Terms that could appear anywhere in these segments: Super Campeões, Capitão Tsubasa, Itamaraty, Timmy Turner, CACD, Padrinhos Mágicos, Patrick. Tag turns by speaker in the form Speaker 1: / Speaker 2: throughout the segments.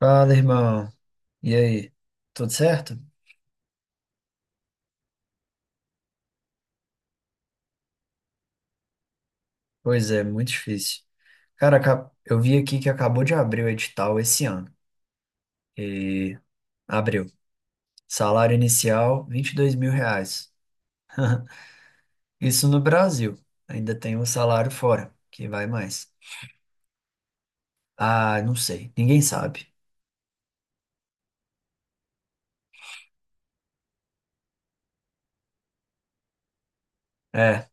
Speaker 1: Fala, irmão. E aí? Tudo certo? Pois é, muito difícil. Cara, eu vi aqui que acabou de abrir o edital esse ano. E abriu. Salário inicial, R$ 22.000. Isso no Brasil. Ainda tem um salário fora, que vai mais. Ah, não sei. Ninguém sabe. É,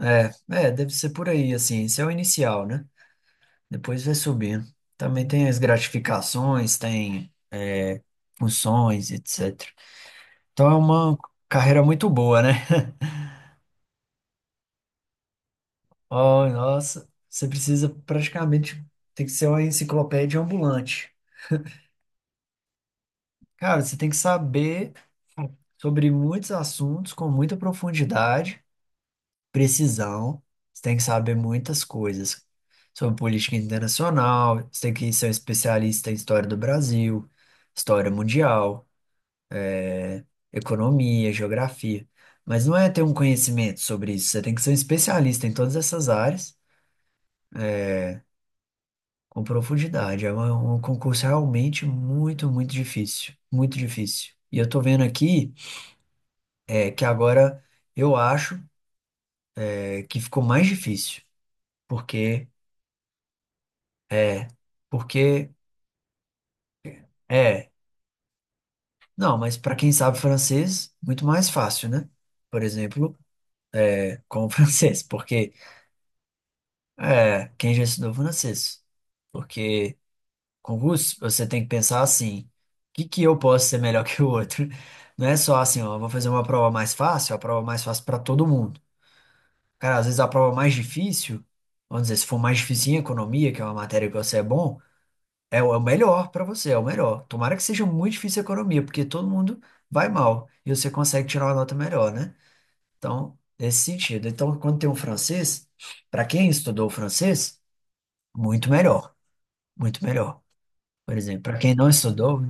Speaker 1: é, deve ser por aí, assim. Esse é o inicial, né? Depois vai subindo. Também tem as gratificações, funções, etc. Então é uma carreira muito boa, né? Oh, nossa, você precisa praticamente tem que ser uma enciclopédia ambulante. Cara, você tem que saber sobre muitos assuntos com muita profundidade, precisão. Você tem que saber muitas coisas sobre política internacional, você tem que ser um especialista em história do Brasil, história mundial, é, economia, geografia. Mas não é ter um conhecimento sobre isso, você tem que ser um especialista em todas essas áreas com profundidade. É um concurso realmente muito, muito difícil. Muito difícil. E eu tô vendo aqui que agora eu acho que ficou mais difícil. Porque é. Porque é. Não, mas para quem sabe francês, muito mais fácil, né? Por exemplo, com o francês. Porque é. Quem já estudou francês? Porque. Concurso, você tem que pensar assim: o que que eu posso ser melhor que o outro? Não é só assim, ó, eu vou fazer uma prova mais fácil, a prova mais fácil para todo mundo. Cara, às vezes a prova mais difícil, vamos dizer, se for mais difícil em economia, que é uma matéria que você é bom, é o melhor para você, é o melhor. Tomara que seja muito difícil a economia, porque todo mundo vai mal e você consegue tirar uma nota melhor, né? Então, nesse sentido. Então, quando tem um francês, para quem estudou francês, muito melhor, muito melhor. Por exemplo, para quem não estudou.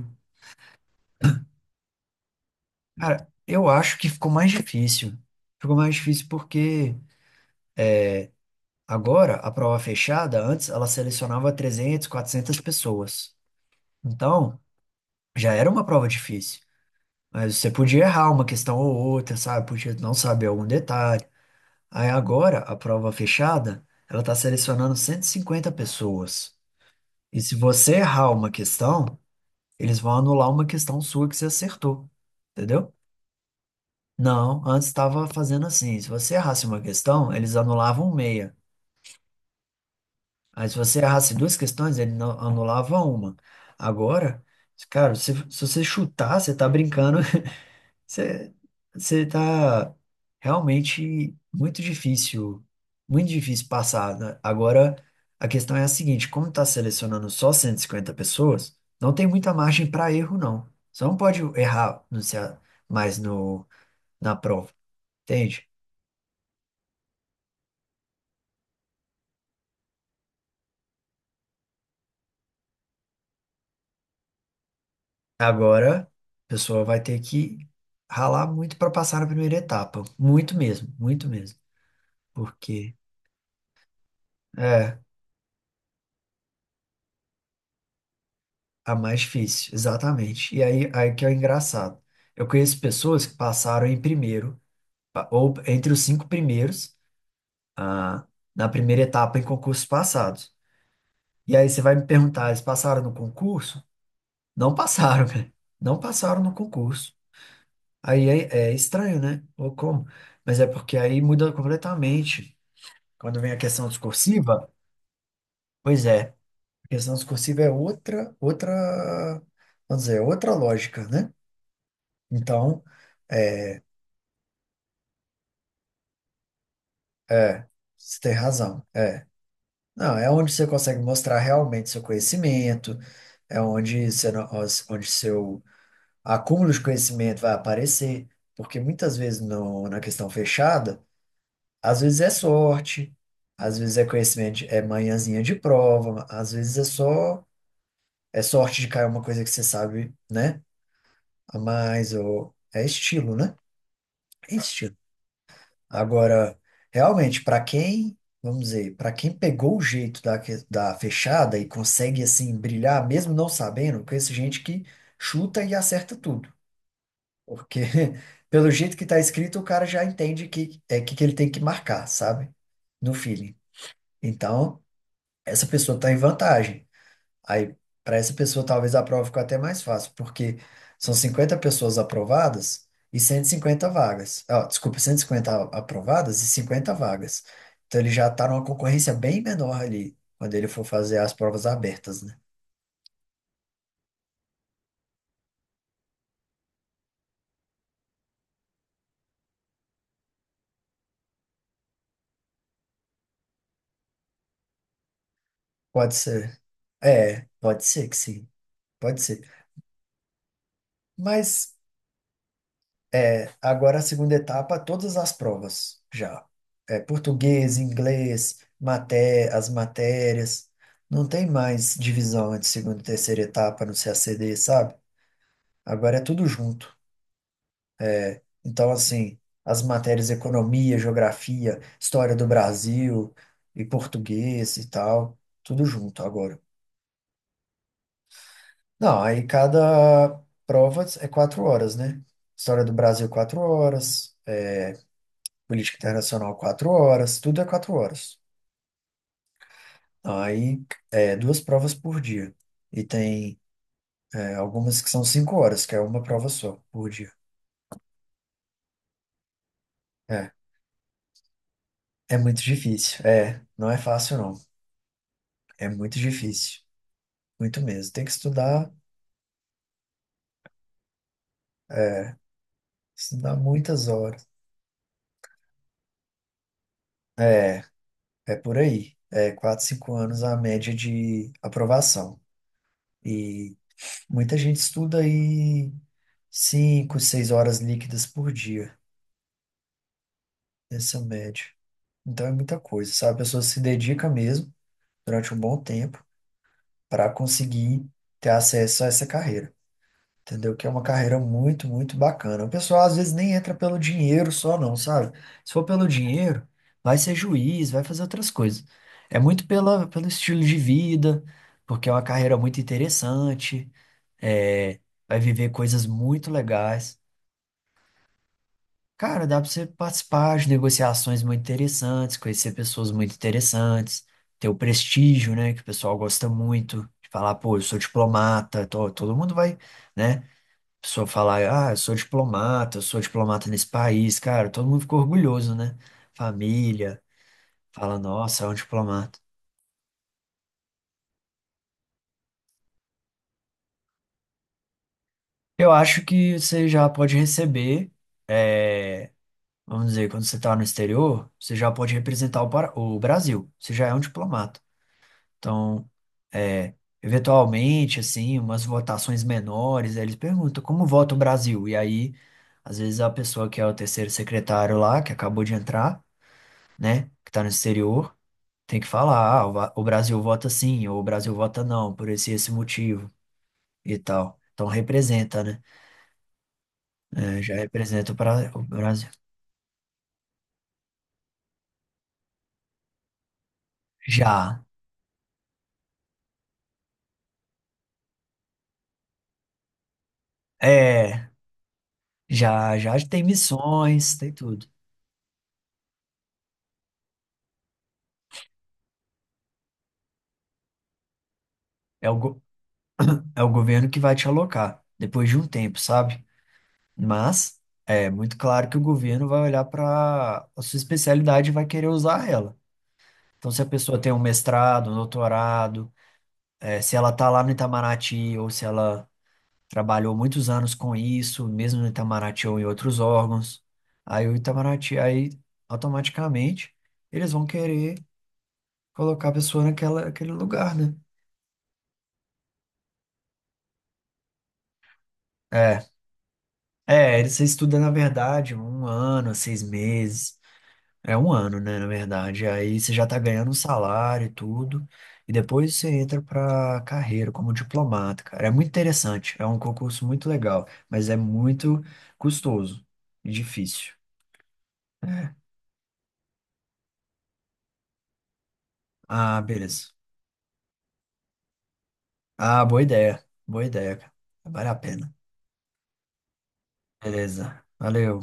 Speaker 1: Cara, eu acho que ficou mais difícil. Ficou mais difícil porque agora a prova fechada, antes ela selecionava 300, 400 pessoas. Então, já era uma prova difícil. Mas você podia errar uma questão ou outra, sabe? Podia não saber algum detalhe. Aí agora, a prova fechada, ela tá selecionando 150 pessoas. E se você errar uma questão, eles vão anular uma questão sua que você acertou. Entendeu? Não, antes estava fazendo assim. Se você errasse uma questão, eles anulavam meia. Aí se você errasse duas questões, ele anulava uma. Agora, cara, se você chutar, você tá brincando. Você, você tá realmente muito difícil passar, né? Agora, a questão é a seguinte, como tá selecionando só 150 pessoas, não tem muita margem para erro, não. Você não pode errar no, C A mais no, na prova, entende? Agora, a pessoa vai ter que ralar muito para passar na primeira etapa. Muito mesmo, muito mesmo. Porque é a mais difícil, exatamente. E aí que é o engraçado. Eu conheço pessoas que passaram em primeiro, ou entre os cinco primeiros, ah, na primeira etapa em concursos passados. E aí você vai me perguntar, eles passaram no concurso? Não passaram, cara. Não passaram no concurso. Aí é estranho, né? Ou como? Mas é porque aí muda completamente. Quando vem a questão discursiva, pois é, a questão discursiva é outra, outra, vamos dizer, outra lógica, né? Então, é, é, você tem razão, é. Não, é onde você consegue mostrar realmente seu conhecimento, é onde, você, não- os- onde seu acúmulo de conhecimento vai aparecer, porque muitas vezes no, na questão fechada, às vezes é sorte, às vezes é conhecimento, é manhãzinha de prova, às vezes é só é sorte de cair uma coisa que você sabe, né? A mais, ou É estilo, né? É estilo. Agora, realmente, para quem, vamos dizer, para quem pegou o jeito da fechada e consegue, assim, brilhar, mesmo não sabendo, conheço gente que chuta e acerta tudo. Porque, pelo jeito que tá escrito, o cara já entende que é que ele tem que marcar, sabe? No feeling. Então, essa pessoa tá em vantagem. Aí, para essa pessoa, talvez a prova ficou até mais fácil, porque são 50 pessoas aprovadas e 150 vagas. Ó, desculpa, 150 aprovadas e 50 vagas. Então, ele já está numa concorrência bem menor ali, quando ele for fazer as provas abertas, né? Pode ser. É, pode ser que sim. Pode ser. Mas é, agora a segunda etapa, todas as provas já. É, português, inglês, maté as matérias. Não tem mais divisão entre segunda e terceira etapa no CACD, sabe? Agora é tudo junto. Então, assim, as matérias economia, geografia, história do Brasil e português e tal, tudo junto agora. Não, aí cada prova é 4 horas, né? História do Brasil, 4 horas. Política internacional, 4 horas, tudo é 4 horas. Aí, duas provas por dia. E tem, algumas que são 5 horas, que é uma prova só por dia. É, é muito difícil. É, não é fácil, não. É muito difícil. Muito mesmo. Tem que é, estudar muitas horas. É, é por aí. É 4, 5 anos a média de aprovação. E muita gente estuda aí 5, 6 horas líquidas por dia. Ensino médio. Então é muita coisa, sabe? A pessoa se dedica mesmo durante um bom tempo para conseguir ter acesso a essa carreira, entendeu? Que é uma carreira muito, muito bacana. O pessoal às vezes nem entra pelo dinheiro só, não, sabe? Se for pelo dinheiro, vai ser juiz, vai fazer outras coisas. É muito pela, pelo estilo de vida, porque é uma carreira muito interessante, é, vai viver coisas muito legais. Cara, dá pra você participar de negociações muito interessantes, conhecer pessoas muito interessantes, ter o prestígio, né, que o pessoal gosta muito, de falar, pô, eu sou diplomata, todo mundo vai, né? A pessoa falar, ah, eu sou diplomata nesse país, cara, todo mundo fica orgulhoso, né? Família, fala, nossa, é um diplomata. Eu acho que você já pode receber, é, vamos dizer, quando você está no exterior, você já pode representar o Brasil, você já é um diplomata. Então, é, eventualmente, assim, umas votações menores, aí eles perguntam como vota o Brasil? E aí, às vezes, a pessoa que é o terceiro secretário lá, que acabou de entrar, né, que está no exterior, tem que falar, ah, o Brasil vota sim, ou o Brasil vota não, por esse motivo e tal. Então, representa, né? É, já representa o Brasil. Já, é, já, tem missões, tem tudo. É o, go- é o governo que vai te alocar depois de um tempo, sabe? Mas é muito claro que o governo vai olhar para a sua especialidade e vai querer usar ela. Então, se a pessoa tem um mestrado, um doutorado, se ela está lá no Itamaraty ou se ela trabalhou muitos anos com isso, mesmo no Itamaraty ou em outros órgãos, aí o Itamaraty, aí automaticamente eles vão querer colocar a pessoa naquela, naquele lugar, né? É, Você estuda, na verdade, um ano, 6 meses. É um ano, né, na verdade. Aí você já tá ganhando um salário e tudo. E depois você entra pra carreira como diplomata, cara. É muito interessante. É um concurso muito legal, mas é muito custoso e difícil. Ah, beleza. Ah, boa ideia. Boa ideia, cara. Vale a pena. Beleza. Valeu.